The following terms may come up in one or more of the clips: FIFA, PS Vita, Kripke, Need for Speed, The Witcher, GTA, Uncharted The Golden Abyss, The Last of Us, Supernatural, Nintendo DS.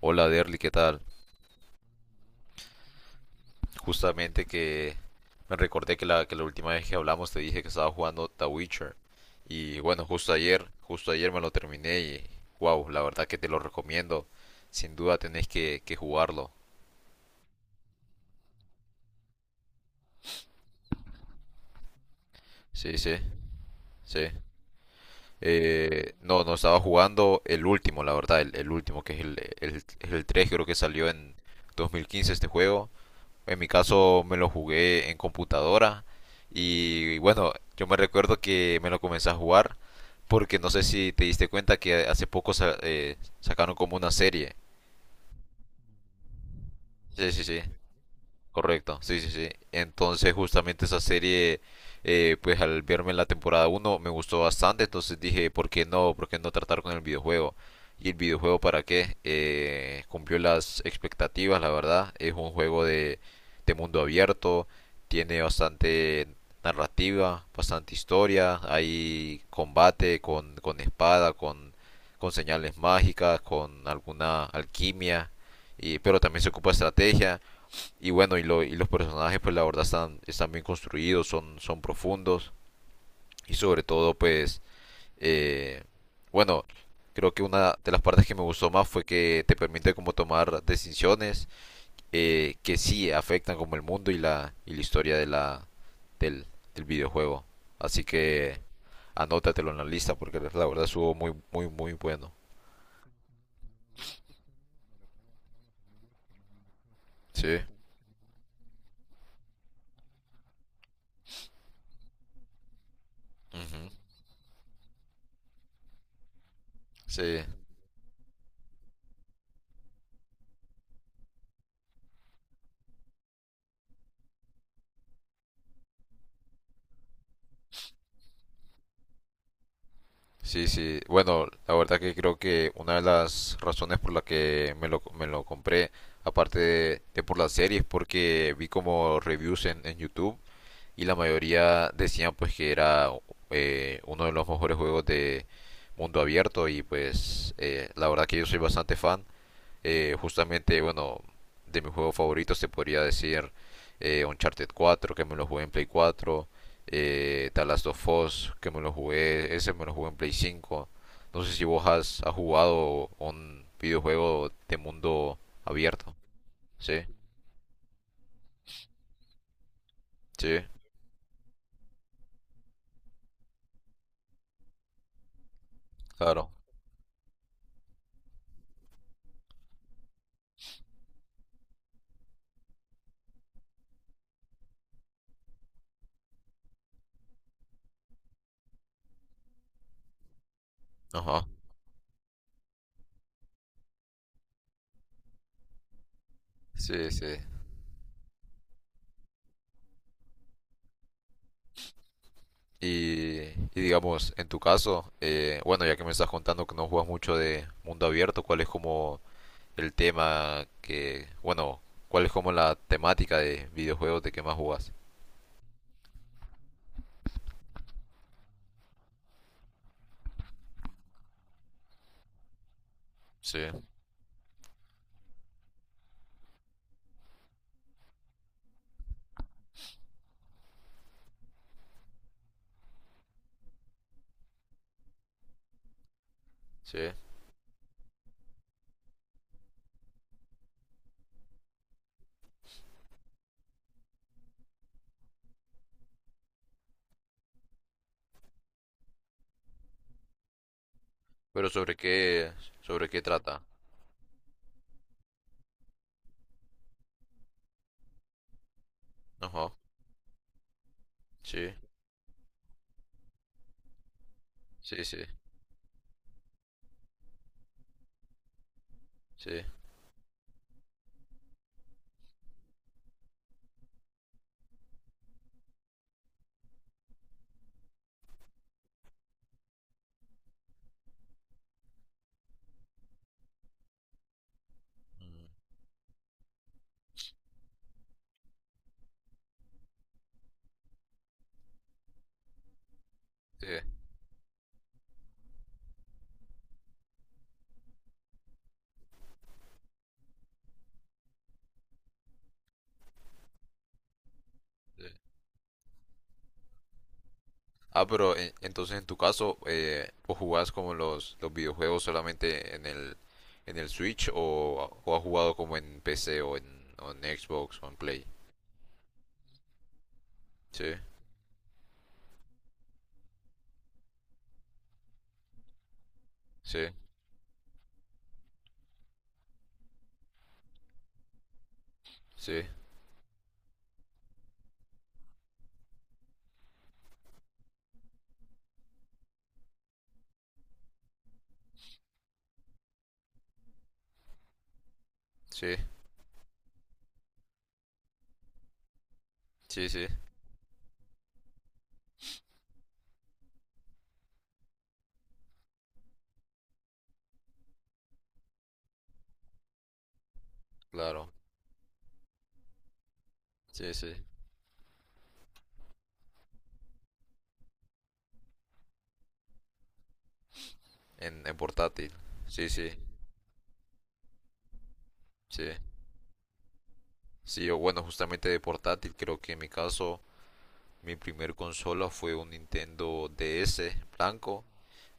Hola Derly, ¿qué tal? Justamente que me recordé que la última vez que hablamos te dije que estaba jugando The Witcher. Y bueno, justo ayer me lo terminé y wow, la verdad que te lo recomiendo. Sin duda tenés que jugarlo. Sí, sí, sí. No, no estaba jugando el último, la verdad, el último, que es el 3, creo que salió en 2015 este juego. En mi caso me lo jugué en computadora y bueno, yo me recuerdo que me lo comencé a jugar porque no sé si te diste cuenta que hace poco sacaron como una serie. Sí, sí, sí. Correcto, sí, sí, sí. Entonces, justamente esa serie, pues al verme la temporada uno me gustó bastante, entonces dije, ¿por qué no? ¿Por qué no tratar con el videojuego? ¿Y el videojuego para qué? Cumplió las expectativas, la verdad. Es un juego de, mundo abierto, tiene bastante narrativa, bastante historia, hay combate con, espada, con, señales mágicas, con alguna alquimia, pero también se ocupa estrategia. Y bueno, y los personajes pues la verdad están bien construidos, son profundos, y sobre todo pues eh, bueno, creo que una de las partes que me gustó más fue que te permite como tomar decisiones que sí afectan como el mundo y y la historia del, del videojuego. Así que anótatelo en la lista porque la verdad estuvo muy, muy, muy bueno. Sí. Ujú. Sí. Sí, sí. Bueno, la verdad que creo que una de las razones por la que me lo compré, aparte de por las series, porque vi como reviews en YouTube y la mayoría decían pues que era uno de los mejores juegos de mundo abierto, y pues la verdad que yo soy bastante fan. Justamente, bueno, de mis juegos favoritos te podría decir Uncharted 4, que me lo jugué en Play 4, The Last of Us, que me lo jugué, ese me lo jugué en Play 5. No sé si vos has jugado un videojuego de mundo abierto. Sí, sí, claro. Ajá. Sí, sí. Y digamos, en tu caso, bueno, ya que me estás contando que no juegas mucho de mundo abierto, ¿cuál es como el tema que, bueno, cuál es como la temática de videojuegos de que más jugas? Sí, sí. Pero sobre qué trata. Ajá. Sí, sí, sí, sí. Mm, sí, sí. Ah, pero, entonces, en tu caso, ¿o jugás como los videojuegos solamente en el, Switch, o has jugado como en PC o en, Xbox o en Play? Sí, sí, sí, sí, sí, sí, claro, sí, sí, en portátil, sí, sí, sí, sí. O bueno, justamente de portátil, creo que en mi caso, mi primer consola fue un Nintendo DS blanco.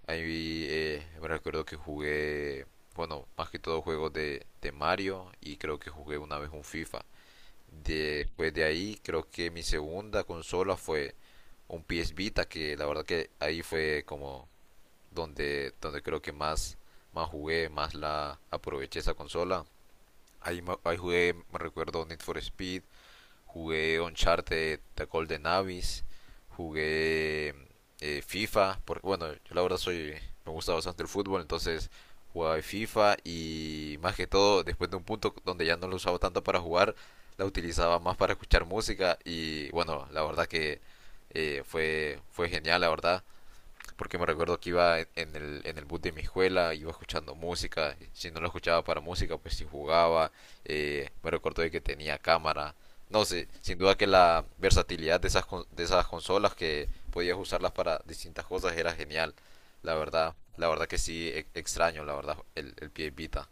Ahí, me recuerdo que jugué, bueno, más que todo juegos de Mario, y creo que jugué una vez un FIFA. Después de ahí, creo que mi segunda consola fue un PS Vita, que la verdad que ahí fue como donde creo que más jugué, más la aproveché esa consola. Ahí, ahí jugué, me recuerdo, Need for Speed, jugué Uncharted The Golden Abyss, jugué FIFA, porque bueno, yo la verdad me gusta bastante el fútbol, entonces jugaba FIFA, y más que todo, después de un punto donde ya no lo usaba tanto para jugar, la utilizaba más para escuchar música. Y bueno, la verdad que fue genial, la verdad, porque me recuerdo que iba en en el bus de mi escuela, iba escuchando música, si no lo escuchaba para música, pues si jugaba, me recuerdo de que tenía cámara, no sé, sin duda que la versatilidad de de esas consolas, que podías usarlas para distintas cosas, era genial, la verdad que sí, extraño, la verdad, el PS Vita,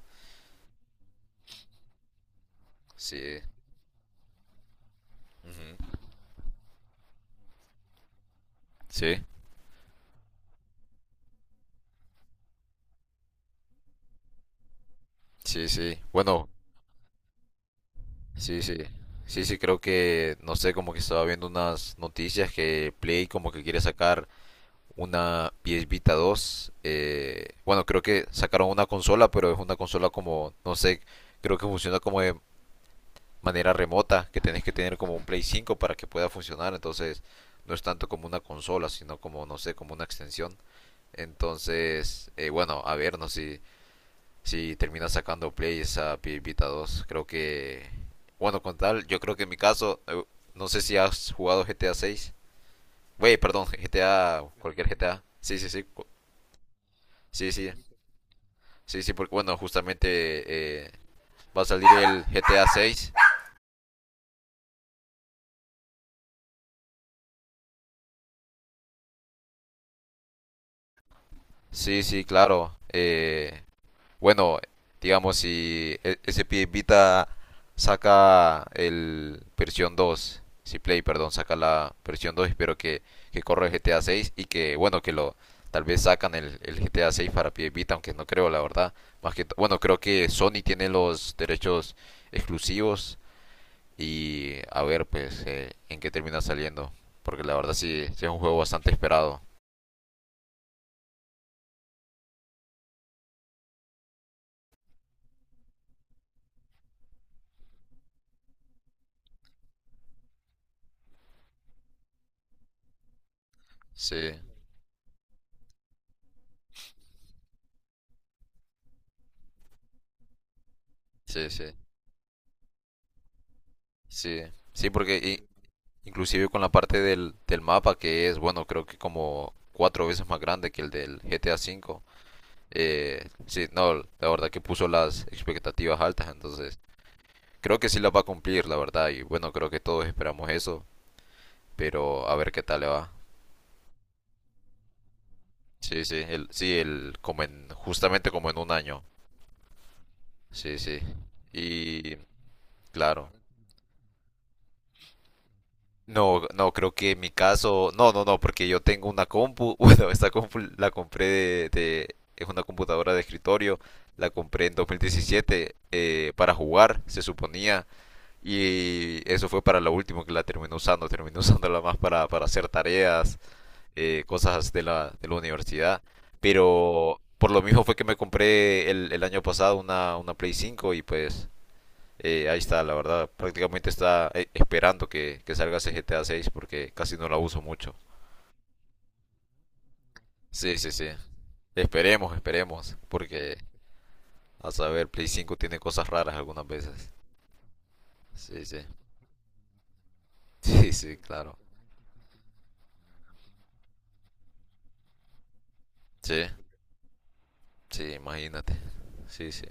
sí, ujú, sí, sí, sí, bueno, sí, sí. Sí, sí, creo que, no sé, como que estaba viendo unas noticias que Play como que quiere sacar una PS Vita 2. Bueno, creo que sacaron una consola, pero es una consola como, no sé, creo que funciona como de manera remota, que tenés que tener como un Play 5 para que pueda funcionar. Entonces, no es tanto como una consola, sino como, no sé, como una extensión. Entonces, bueno, a ver, no sé si termina sacando Play esa PS Vita 2. Creo que, bueno, con tal, yo creo que en mi caso, no sé si has jugado GTA 6. Güey, perdón, GTA, cualquier GTA. Sí, sí, sí. Sí, sí, sí, sí, porque bueno, justamente va a salir el GTA 6. Sí, sí, claro. Bueno, digamos, si SP Vita saca el versión 2, si Play, perdón, saca la versión 2, espero que corra el GTA 6 y que, bueno, que lo tal vez sacan el GTA 6 para PS Vita, aunque no creo, la verdad. Más que, bueno, creo que Sony tiene los derechos exclusivos, y a ver pues en qué termina saliendo, porque la verdad sí, sí es un juego bastante esperado. Sí, sí, sí, sí, sí, porque inclusive con la parte del mapa, que es, bueno, creo que como cuatro veces más grande que el del GTA 5. Sí, no, la verdad que puso las expectativas altas, entonces creo que sí las va a cumplir, la verdad, y bueno, creo que todos esperamos eso, pero a ver qué tal le va. Sí, sí, justamente como en un año. Sí, sí. Y, claro. No, no, creo que en mi caso, no, no, no, porque yo tengo una compu, bueno, esta compu la compré es una computadora de escritorio, la compré en 2017, para jugar, se suponía, y eso fue para lo último que la terminé usando, terminé usándola más para hacer tareas, cosas de de la universidad, pero por lo mismo fue que me compré el año pasado una Play 5, y pues. Ahí está, la verdad. Prácticamente está esperando que salga ese GTA 6, porque casi no la uso mucho. Sí, sí, sí. Esperemos, esperemos. Porque a saber, Play 5 tiene cosas raras algunas veces. Sí, sí. Sí, sí, claro. Sí, sí, imagínate. Sí, sí.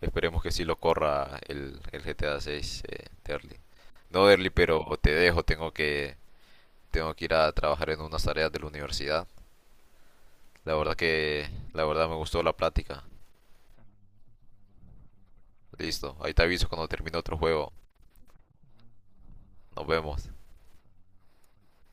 Esperemos que sí lo corra el GTA 6, Terly. No, Derly, pero te dejo, tengo que, ir a trabajar en unas tareas de la universidad. La verdad me gustó la plática. Listo, ahí te aviso cuando termine otro juego. Nos vemos.